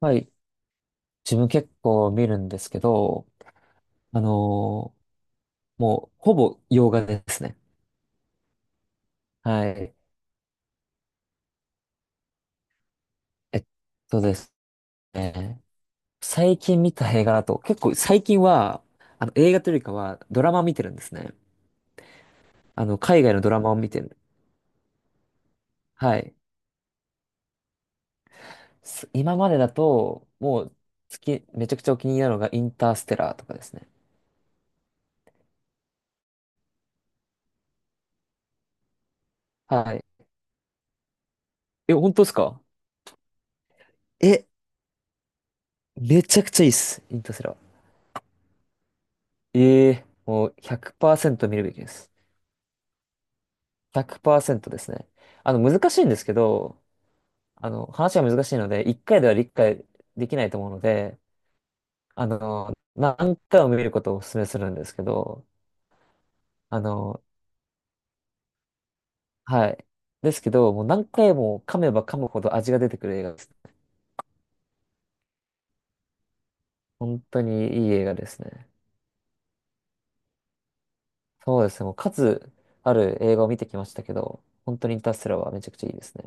はい。自分、結構見るんですけど、あのーもう、ほぼ洋画ですね。はい。えっとですね。最近見た映画だと、結構最近は、映画というよりかは、ドラマを見てるんですね。あの、海外のドラマを見てる。はい。今までだと、もう、好き、めちゃくちゃお気に入りなのが、インターステラーとかですね。はい。え、本当ですか？え、めちゃくちゃいいっす、インターステラー。ええ、もう、100%見るべきです。100%ですね。あの、難しいんですけど、あの、話が難しいので、1回では理解できないと思うので、あの、何回も見ることをお勧めするんですけど、あの、はい。ですけど、もう何回も噛めば噛むほど味が出てくる映画です。本当にいい映画ですね。そうですね。もう数ある映画を見てきましたけど、本当にインターステラーはめちゃくちゃいいですね。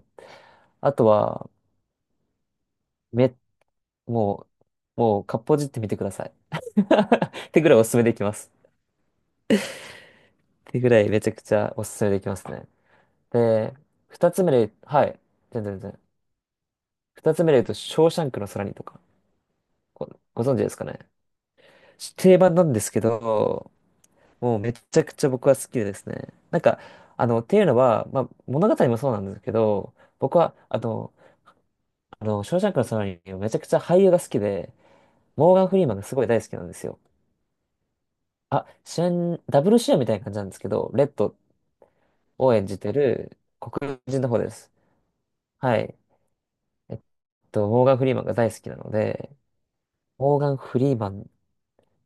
あとは、め、もう、もう、かっぽじってみてください。ってぐらいおすすめできます。ってぐらいめちゃくちゃおすすめできますね。で、二つ目で、はい、全然全然。二つ目で言うと、ショーシャンクの空にとか、ご存知ですかね。定番なんですけど、もうめちゃくちゃ僕は好きでですね。なんか、っていうのは、まあ、物語もそうなんですけど、僕は、ショーシャンクの空にめちゃくちゃ俳優が好きで、モーガン・フリーマンがすごい大好きなんですよ。あ、主演、ダブル主演みたいな感じなんですけど、レッドを演じてる黒人の方です。はい。えっと、モーガン・フリーマンが大好きなので、モーガン・フリーマン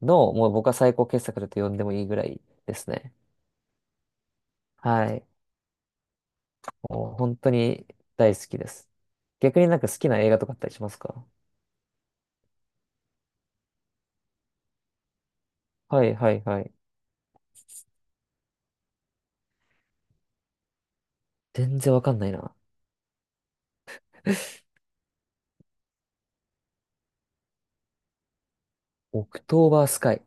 の、もう僕は最高傑作だと呼んでもいいぐらいですね。はい。もう本当に大好きです。逆になんか好きな映画とかあったりしますか？はいはいはい。全然わかんないな。オクトーバースカイ。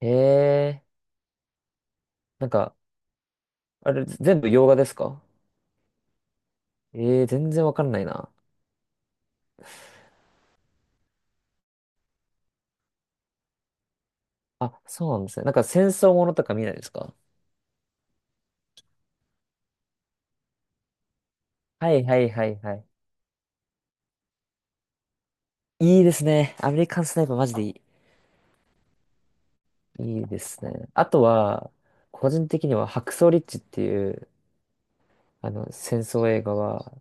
へえ。なんか、あれ全部洋画ですか？ええ、全然わかんないな。あ、そうなんですね。なんか戦争ものとか見ないですか？はいはいはいはい。いいですね。アメリカンスナイパーマジでいい。いいですね。あとは、個人的には白装リッチっていう、あの、戦争映画は、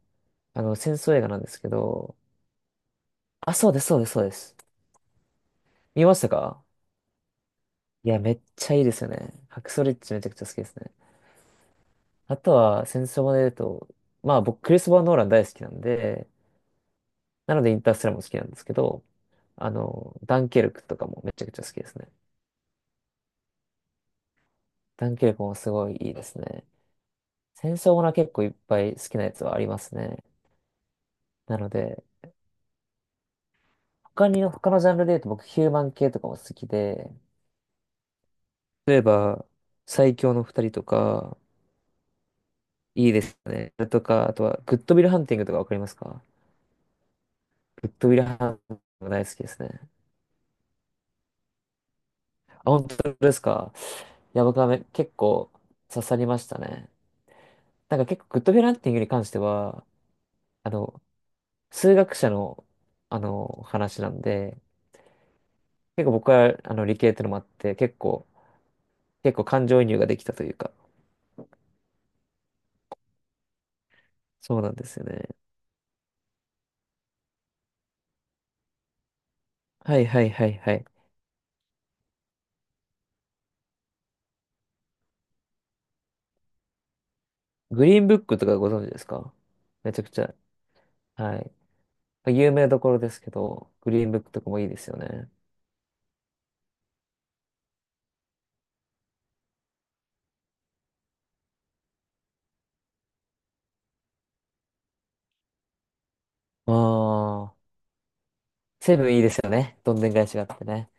あの、戦争映画なんですけど、あ、そうです、そうです、そうです。見ましたか？いや、めっちゃいいですよね。白装リッチめちゃくちゃ好きですね。あとは、戦争もで言うと、まあ、僕、クリストファー・ノーラン大好きなんで、なのでインターステラーも好きなんですけど、あの、ダンケルクとかもめちゃくちゃ好きですね。ダンケルクもすごいいいですね。戦争ものは結構いっぱい好きなやつはありますね。なので、他のジャンルで言うと僕ヒューマン系とかも好きで、例えば、最強の二人とか、いいですね。とか、あとは、グッドウィルハンティングとかわかりますか？グッドウィルハンティングが大好きですね。あ、本当ですか？いや、僕は結構刺さりましたね。なんか結構グッドウィルハンティングに関しては、あの、数学者の、あの、話なんで、結構僕は、あの、理系ってのもあって、結構、結構感情移入ができたというか、そうなんですよね。はいはいはいはい。グリーンブックとかご存知ですか？めちゃくちゃ。はい。有名どころですけど、グリーンブックとかもいいですよね。ああ、セブンいいですよね。どんでん返しがあってね。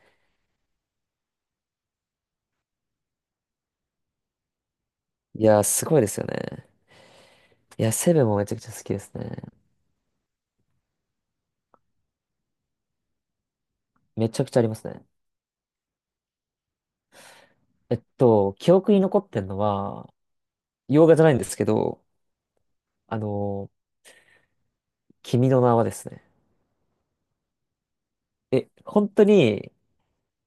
いやー、すごいですよね。いや、セブンもめちゃくちゃ好きですね。めちゃくちゃありますね。えっと、記憶に残ってんのは、洋画じゃないんですけど、あのー君の名はですね。え、本当に、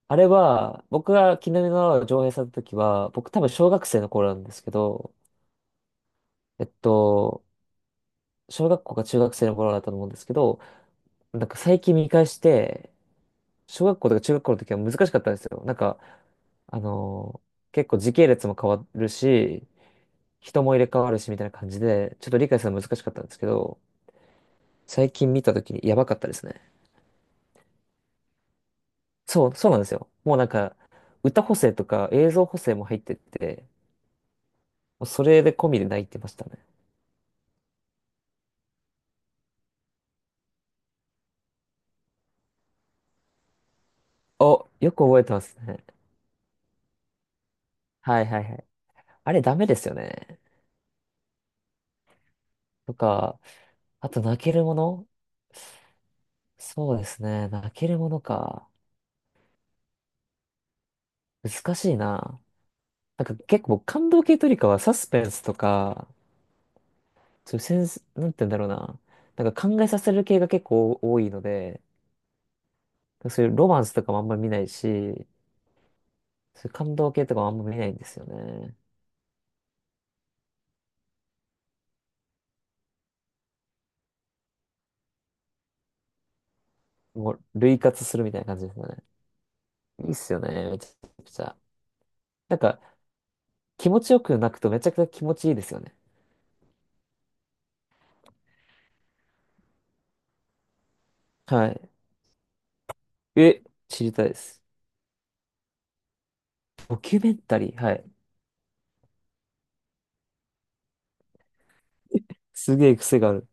あれは、僕が君の名は上映された時は、僕多分小学生の頃なんですけど、えっと、小学校か中学生の頃だったと思うんですけど、なんか最近見返して、小学校とか中学校の時は難しかったんですよ。なんか、あのー結構時系列も変わるし、人も入れ替わるしみたいな感じで、ちょっと理解するの難しかったんですけど、最近見た時にやばかったですね。そう、そうなんですよ。もうなんか、歌補正とか映像補正も入ってて、もうそれで込みで泣いてましたね。お、よく覚えてますね。はいはいはい。あれダメですよね。とか、あと泣けるもの、そうですね。泣けるものか。難しいな。なんか結構感動系というよりかはサスペンスとか、そういうセンス、なんて言うんだろうな。なんか考えさせる系が結構多いので、そういうロマンスとかもあんまり見ないし、そういう感動系とかもあんまり見ないんですよね。もう類活するみたいな感じですね。いいっすよね、めちゃくちゃ。なんか気持ちよく泣くとめちゃくちゃ気持ちいいですよね。はい。え、知りたいです。ドキュメンタリー。はい。すげえ癖がある。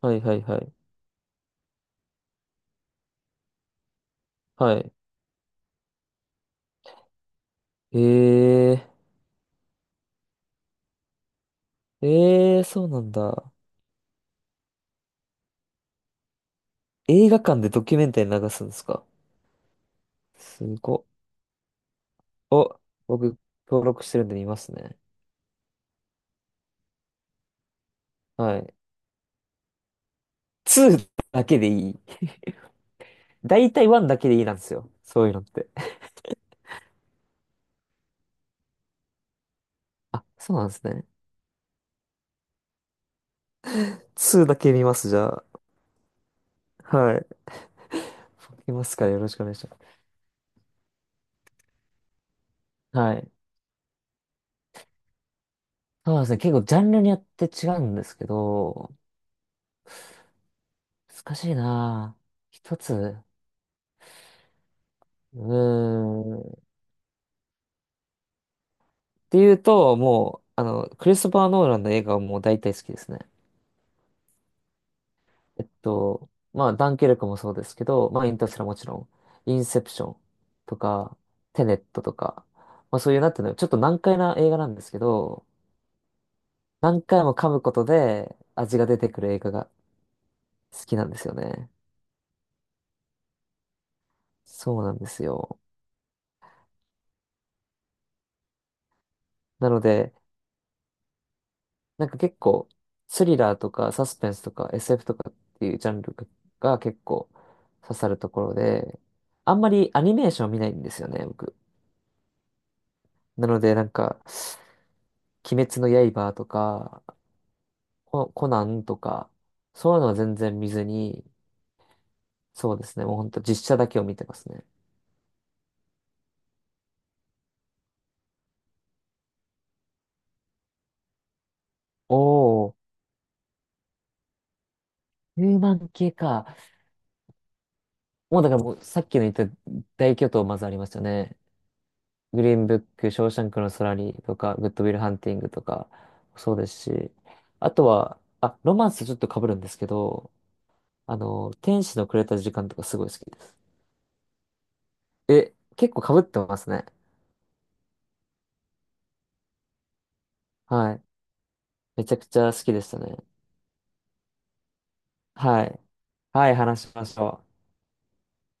はいはいはい。はい。ええー、ええー、そうなんだ。映画館でドキュメンタリー流すんですか？すごっ。お、僕、登録してるんで見ますね。はい。2だけでいい。だいたい1だけでいいなんですよ、そういうのって。あ、そうなんですね。2だけ見ます、じゃあ。はい。見ますからよろしくお願いします。はい。そうですね。結構ジャンルによって違うんですけど、難しいなぁ。一つ。うーん。ていうと、もう、あの、クリストファー・ノーランの映画はもう大体好きですね。えっと、まあ、ダンケルクもそうですけど、まあ、インターステラーもちろん、インセプションとか、テネットとか、まあ、そういう、なんていうの、ちょっと難解な映画なんですけど、何回も噛むことで味が出てくる映画が好きなんですよね。そうなんですよ。なので、なんか結構、スリラーとかサスペンスとか SF とかっていうジャンルが結構刺さるところで、あんまりアニメーション見ないんですよね、僕。なのでなんか、鬼滅の刃とか、ココナンとか、そういうのは全然見ずに、そうですね、もうほんと実写だけを見てますね。おー、ヒューマン系か。もうだからもうさっきの言った大巨頭まずありましたね。グリーンブック、ショーシャンクの空にとか、グッドウィルハンティングとか、そうですし、あとは、あ、ロマンスとちょっと被るんですけど、あの、天使のくれた時間とかすごい好きです。え、結構被ってますね。はい。めちゃくちゃ好きでしたね。はい。はい、話しましょう。